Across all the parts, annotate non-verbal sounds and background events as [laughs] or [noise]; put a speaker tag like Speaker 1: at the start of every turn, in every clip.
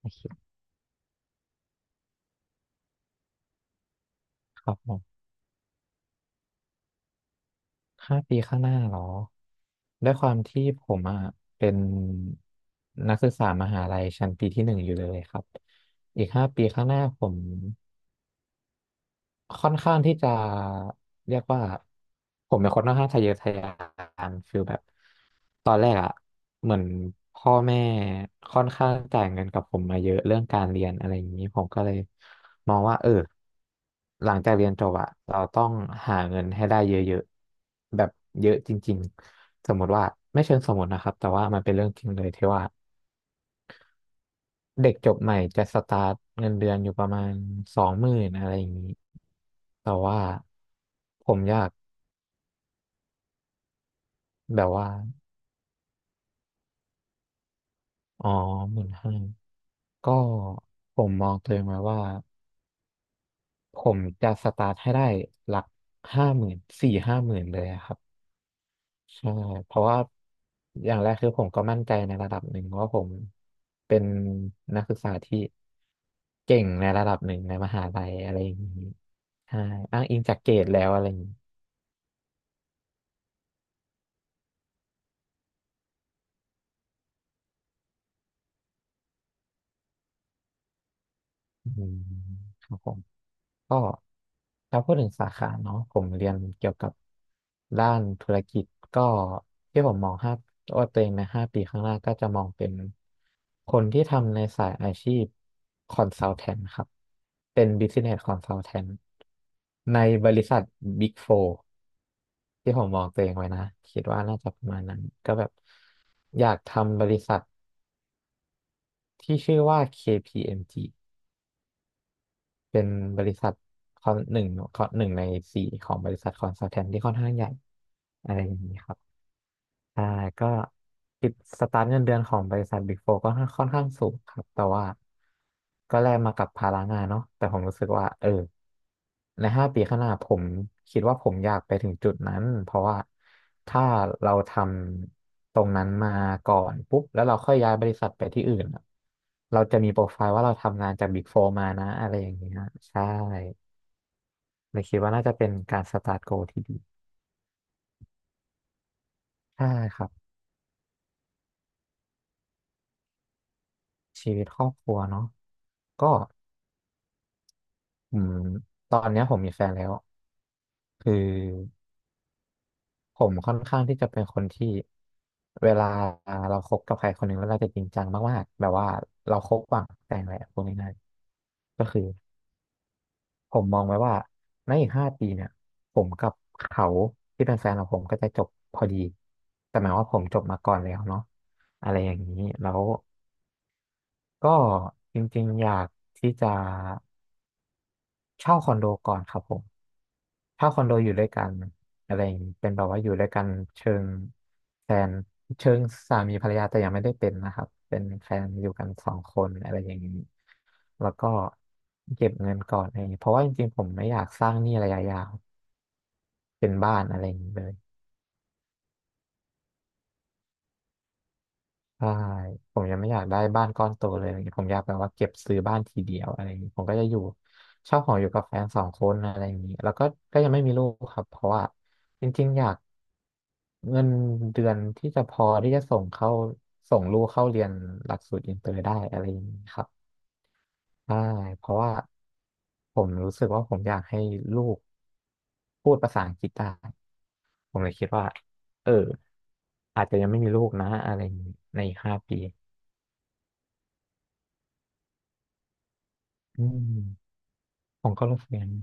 Speaker 1: โอเคครับผมห้าปีข้างหน้าเหรอ ด้วยความที่ผมอ่ะเป็นนักศึกษามหาลัยชั้นปีที่หนึ่งอยู่เลยครับ อีกห้าปีข้างหน้าผม ค่อนข้างที่จะเรียกว่าผมเป็นคนค่อนข้างทะเยอทะยานฟิลแบบตอนแรกอะเหมือนพ่อแม่ค่อนข้างจ่ายเงินกับผมมาเยอะเรื่องการเรียนอะไรอย่างนี้ผมก็เลยมองว่าเออหลังจากเรียนจบอะเราต้องหาเงินให้ได้เยอะๆแบบเยอะจริงๆสมมติว่าไม่เชิงสมมตินะครับแต่ว่ามันเป็นเรื่องจริงเลยที่ว่า เด็กจบใหม่จะสตาร์ทเงินเดือนอยู่ประมาณสองหมื่นอะไรอย่างนี้แต่ว่าผมอยากแบบว่าอ๋อหมื่นห้าก็ผมมองตัวเองไว้ว่าผมจะสตาร์ทให้ได้หลักห้าหมื่นสี่ห้าหมื่นเลยอะครับใช่เพราะว่าอย่างแรกคือผมก็มั่นใจในระดับหนึ่งว่าผมเป็นนักศึกษาที่เก่งในระดับหนึ่งในมหาลัยอะไรอย่างนี้ใช่อ้างอิงจากเกรดแล้วอะไรอย่างนี้ อืมครับผมก็ถ้าพูดถึงสาขาเนาะผมเรียนเกี่ยวกับด้านธุรกิจก็ที่ผมมองห้าว่าตัวเองในห้าปีข้างหน้าก็จะมองเป็นคนที่ทำในสายอาชีพคอนซัลแทนครับเป็น Business Consultant ในบริษัท Big Four ที่ผมมองตัวเองไว้นะคิดว่าน่าจะประมาณนั้นก็แบบอยากทำบริษัทที่ชื่อว่า KPMG เป็นบริษัทคอนหนึ่งคอนหนึ่งในสี่ของบริษัทคอนซัลแทนที่ค่อนข้างใหญ่อะไรอย่างนี้ครับ ใช่ก็คิดสตาร์ทเงินเดือนของบริษัทบิ๊กโฟก็ค่อนข้างสูงครับแต่ว่าก็แลกมากับภาระงานเนาะแต่ผมรู้สึกว่าเออในห้าปีข้างหน้าผมคิดว่าผมอยากไปถึงจุดนั้นเพราะว่าถ้าเราทำตรงนั้นมาก่อนปุ๊บแล้วเราค่อยย้ายบริษัทไปที่อื่นอะเราจะมีโปรไฟล์ว่าเราทำงานจากบิ๊กโฟมานะอะไรอย่างเงี้ยใช่เลยคิดว่าน่าจะเป็นการสตาร์ทโกที่ดีใช่ครับชีวิตครอบครัวเนาะก็ อืมตอนเนี้ยผมมีแฟนแล้วคือผมค่อนข้างที่จะเป็นคนที่เวลาเราคบกับใครคนหนึ่งแล้วเราจะจริงจังมากๆแบบว่าเราคบหวังแต่งแหละพูดง่ายๆก็คือผมมองไว้ว่าในอีกห้าปีเนี่ยผมกับเขาที่เป็นแฟนของผมก็จะจบพอดีแต่หมายว่าผมจบมาก่อนแล้วเนาะอะไรอย่างนี้แล้วก็จริงๆอยากที่จะเช่าคอนโดก่อนครับผม ถ้าคอนโดอยู่ด้วยกันอะไรอย่างนี้เป็นแบบว่าอยู่ด้วยกันเชิงแฟนเชิงสามีภรรยาแต่ยังไม่ได้เป็นนะครับเป็นแฟนอยู่กันสองคนอะไรอย่างนี้แล้วก็เก็บเงินก่อนอะไรอย่างนี้เพราะว่าจริงๆผมไม่อยากสร้างหนี้ระยะยาวเป็นบ้านอะไรอย่างนี้เลย ใช่ผมยังไม่อยากได้บ้านก้อนโตเลยอะไรเงี้ยผมอยากแบบว่าเก็บซื้อบ้านทีเดียวอะไรอย่างงี้ผมก็จะอยู่เช่าหออยู่กับแฟนสองคนอะไรอย่างงี้แล้วก็ยังไม่มีลูกครับเพราะว่าจริงๆอยากเงินเดือนที่จะพอที่จะส่งลูกเข้าเรียนหลักสูตรอินเตอร์ได้อะไรอย่างงี้ครับใช่เพราะว่าผมรู้สึกว่าผมอยากให้ลูกพูดภาษาอังกฤษได้ผมเลยคิดว่าเอออาจจะยังไม่มีลูกนะอะไรอย่างนี้ในอีกห้าปี อืมผมก็รู้สึกอย่างนั้น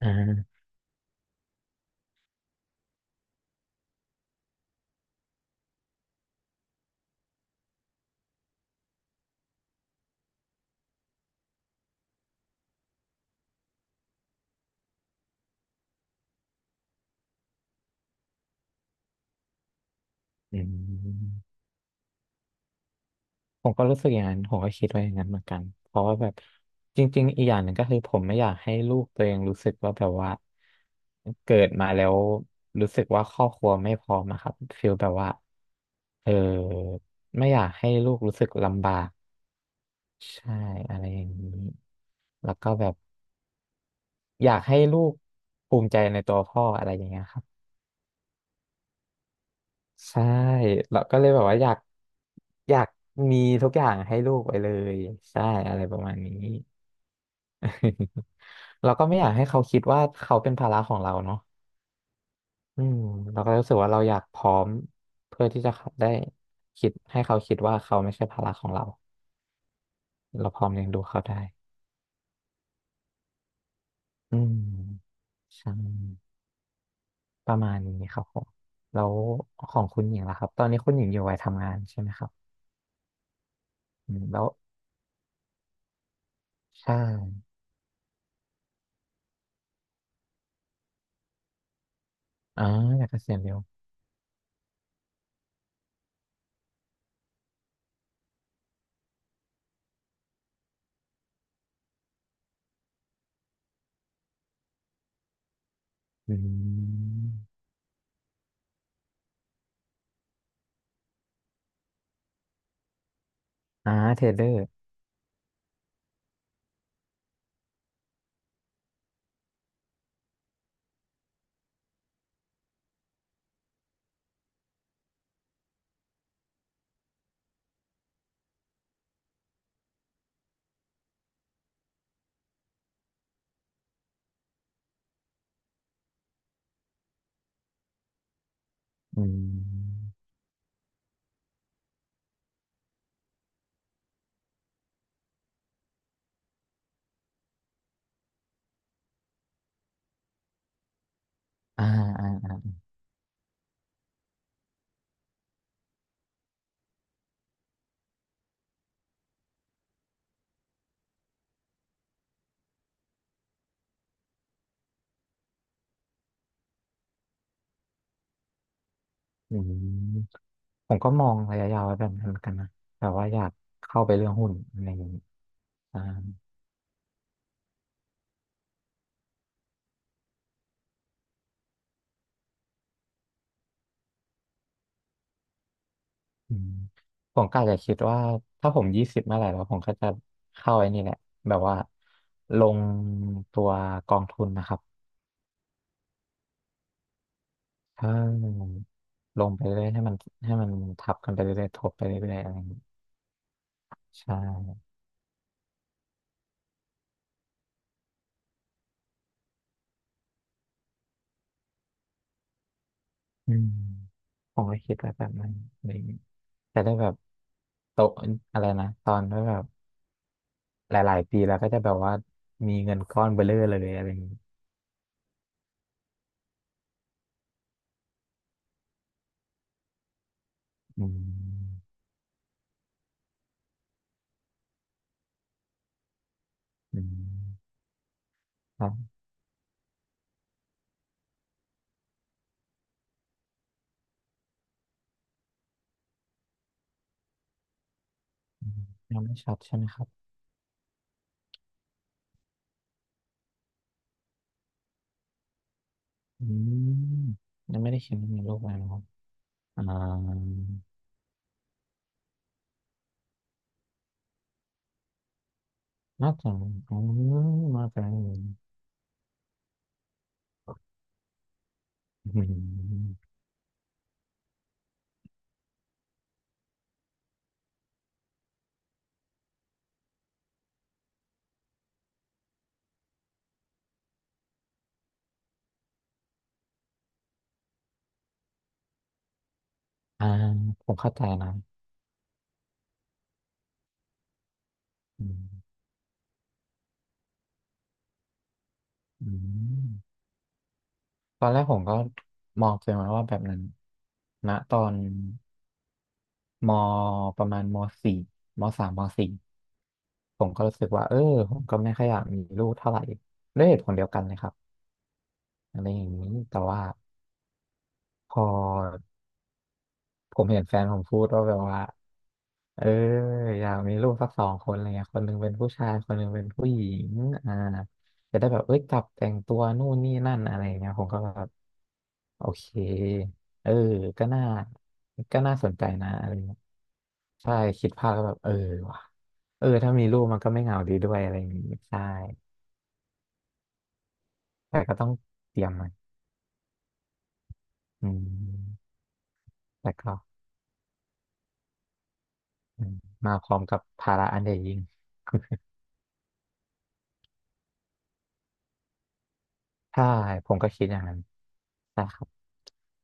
Speaker 1: อ่าอืมผมก็รู้สึกอย่างนั้นผมก็คิดไว้อย่างนั้นเหมือนกันเพราะว่าแบบจริงๆอีกอย่างหนึ่งก็คือผมไม่อยากให้ลูกตัวเองรู้สึกว่าแบบว่าเกิดมาแล้วรู้สึกว่าครอบครัวไม่พร้อมอะครับฟีลแบบว่าเออไม่อยากให้ลูกรู้สึกลำบากใช่อะไรอย่างนี้ แล้วก็แบบอยากให้ลูกภูมิใจในตัวพ่ออะไรอย่างเงี้ยครับ ใช่เราก็เลยแบบว่าอยากมีทุกอย่างให้ลูกไปเลยใช่อะไรประมาณนี้ [laughs] เราก็ไม่อยากให้เขาคิดว่าเขาเป็นภาระของเราเนาะอืมเราก็รู้สึกว่าเราอยากพร้อมเพื่อที่จะได้คิดให้เขาคิดว่าเขาไม่ใช่ภาระของเราเราพร้อมเลี้ยงดูเขาได้อืมใช่ประมาณนี้ครับผมแล้วของคุณหญิงล่ะครับตอนนี้คุณหญิงอยู่วัยทำงานใช่ไหมครับอืมแล้วใช่อ๋ออยากเกษียณเร็ว อืมอ่าเทรดเดอร์อืมอ่าอ่าอาอืมผมก็มองระยะยาวไว้แบบนั้นเหมือนกันนะ แต่ว่าอยากเข้าไปเรื่องหุ้นอะไรอย่างนี้อ่าอืมผมก็อาจจะคิดว่าถ้าผมยี่สิบเมื่อไหร่แล้วผมก็จะเข้าไอ้นี่แหละ แบบว่าลงตัวกองทุนนะครับ ถ้าลงไปเรื่อยให้มันทับกันไปเรื่อยๆทบไปเรื่อยๆอะไรอย่างนี้ใช่ อืมผมก็คิดไว้แบบนั้นอะไรอย่างงี้จะได้แบบโตะอะไรนะตอนที่แบบหลายๆปีแล้วก็จะแบบว่ามีเงินก้อนเบ้อเร่อเลยอะไรอย่างงี้อืมอืมครับอืมยังไม่ชัดใช่ไหมครับอืมยังไม่ได้เขียนในโลกเลยนะครับอ่าน่าจะอืมน่าจะอืม [laughs] อ่าผมเข้าใจนะอืมอืมตอนแรกผมก็มองตัวเองไว้ว่าแบบนั้นณตอน ม ประมาณมสี่มสามมสี่ผมก็รู้สึกว่าเออผมก็ไม่ค่อยอยากมีลูกเท่าไหร่ด้วยเหตุผลเดียวกันเลยครับอะไรอย่างนี้แต่ว่าพอผมเห็นแฟนผมพูดว่าแบบว่า เอออยากมีลูกสักสองคนอะไรเงี้ยคนหนึ่งเป็นผู้ชายคนหนึ่งเป็นผู้หญิงอ่าจะได้แบบเอ้ยจับแต่งตัวนู่นนี่นั่นอะไรเงี้ยผมก็แบบโอเคเออก็น่าก็น่าสนใจนะอะไรเงี้ยใช่คิดภาพก็แบบเออว่ะเออถ้ามีลูกมันก็ไม่เหงาดีด้วยอะไรอย่างงี้ใช่แต่ก็ต้องเตรียมมันอืมแต่ก็อืมมาพร้อมกับภาระอันใหญ่ยิ่ง ใช่ผมก็คิดอย่างนั้นใช่ครับ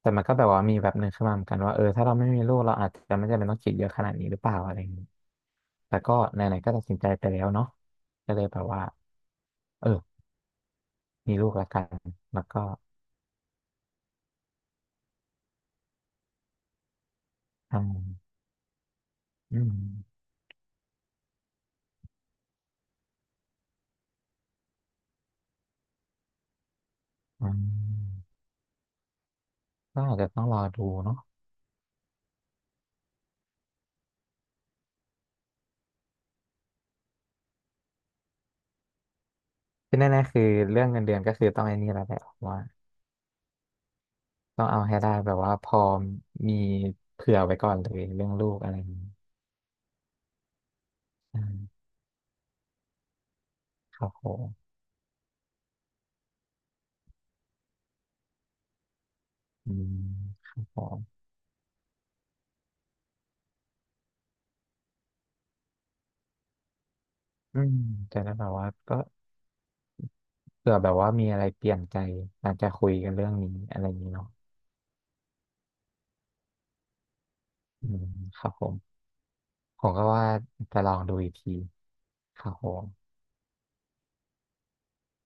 Speaker 1: แต่มันก็แบบว่ามีแบบหนึ่งขึ้นมาเหมือนกันว่าเออถ้าเราไม่มีลูกเราอาจจะไม่จำเป็นต้องคิดเยอะขนาดนี้หรือเปล่าอะไรอย่างนี้แต่ก็ไหนๆก็ตัดสินใจไปแล้วเนาะก็เลยแบบว่าเออมีลูกแล้วกันแล้วก็อืมอืมอืมก็อาจจะต้องรอดูเนาะที่แน่ๆคือเรื่องเงินเดือนก็คือต้องไอ้นี่แล้วแหละว่าต้องเอาให้ได้แบบว่าพอมีเผื่อไว้ก่อนเลยเรื่องลูกอะไรอย่างนี้อืมครับผมอืมครับผม อืมจะได้แบบว่าก็เผื่อแบบว่ามีอะไรเปลี่ยนใจอาจจะคุยกันเรื่องนี้อะไรอย่างนี้เนาะอืมครับผมผมก็ว่าจะลองดูอีกทีครับผม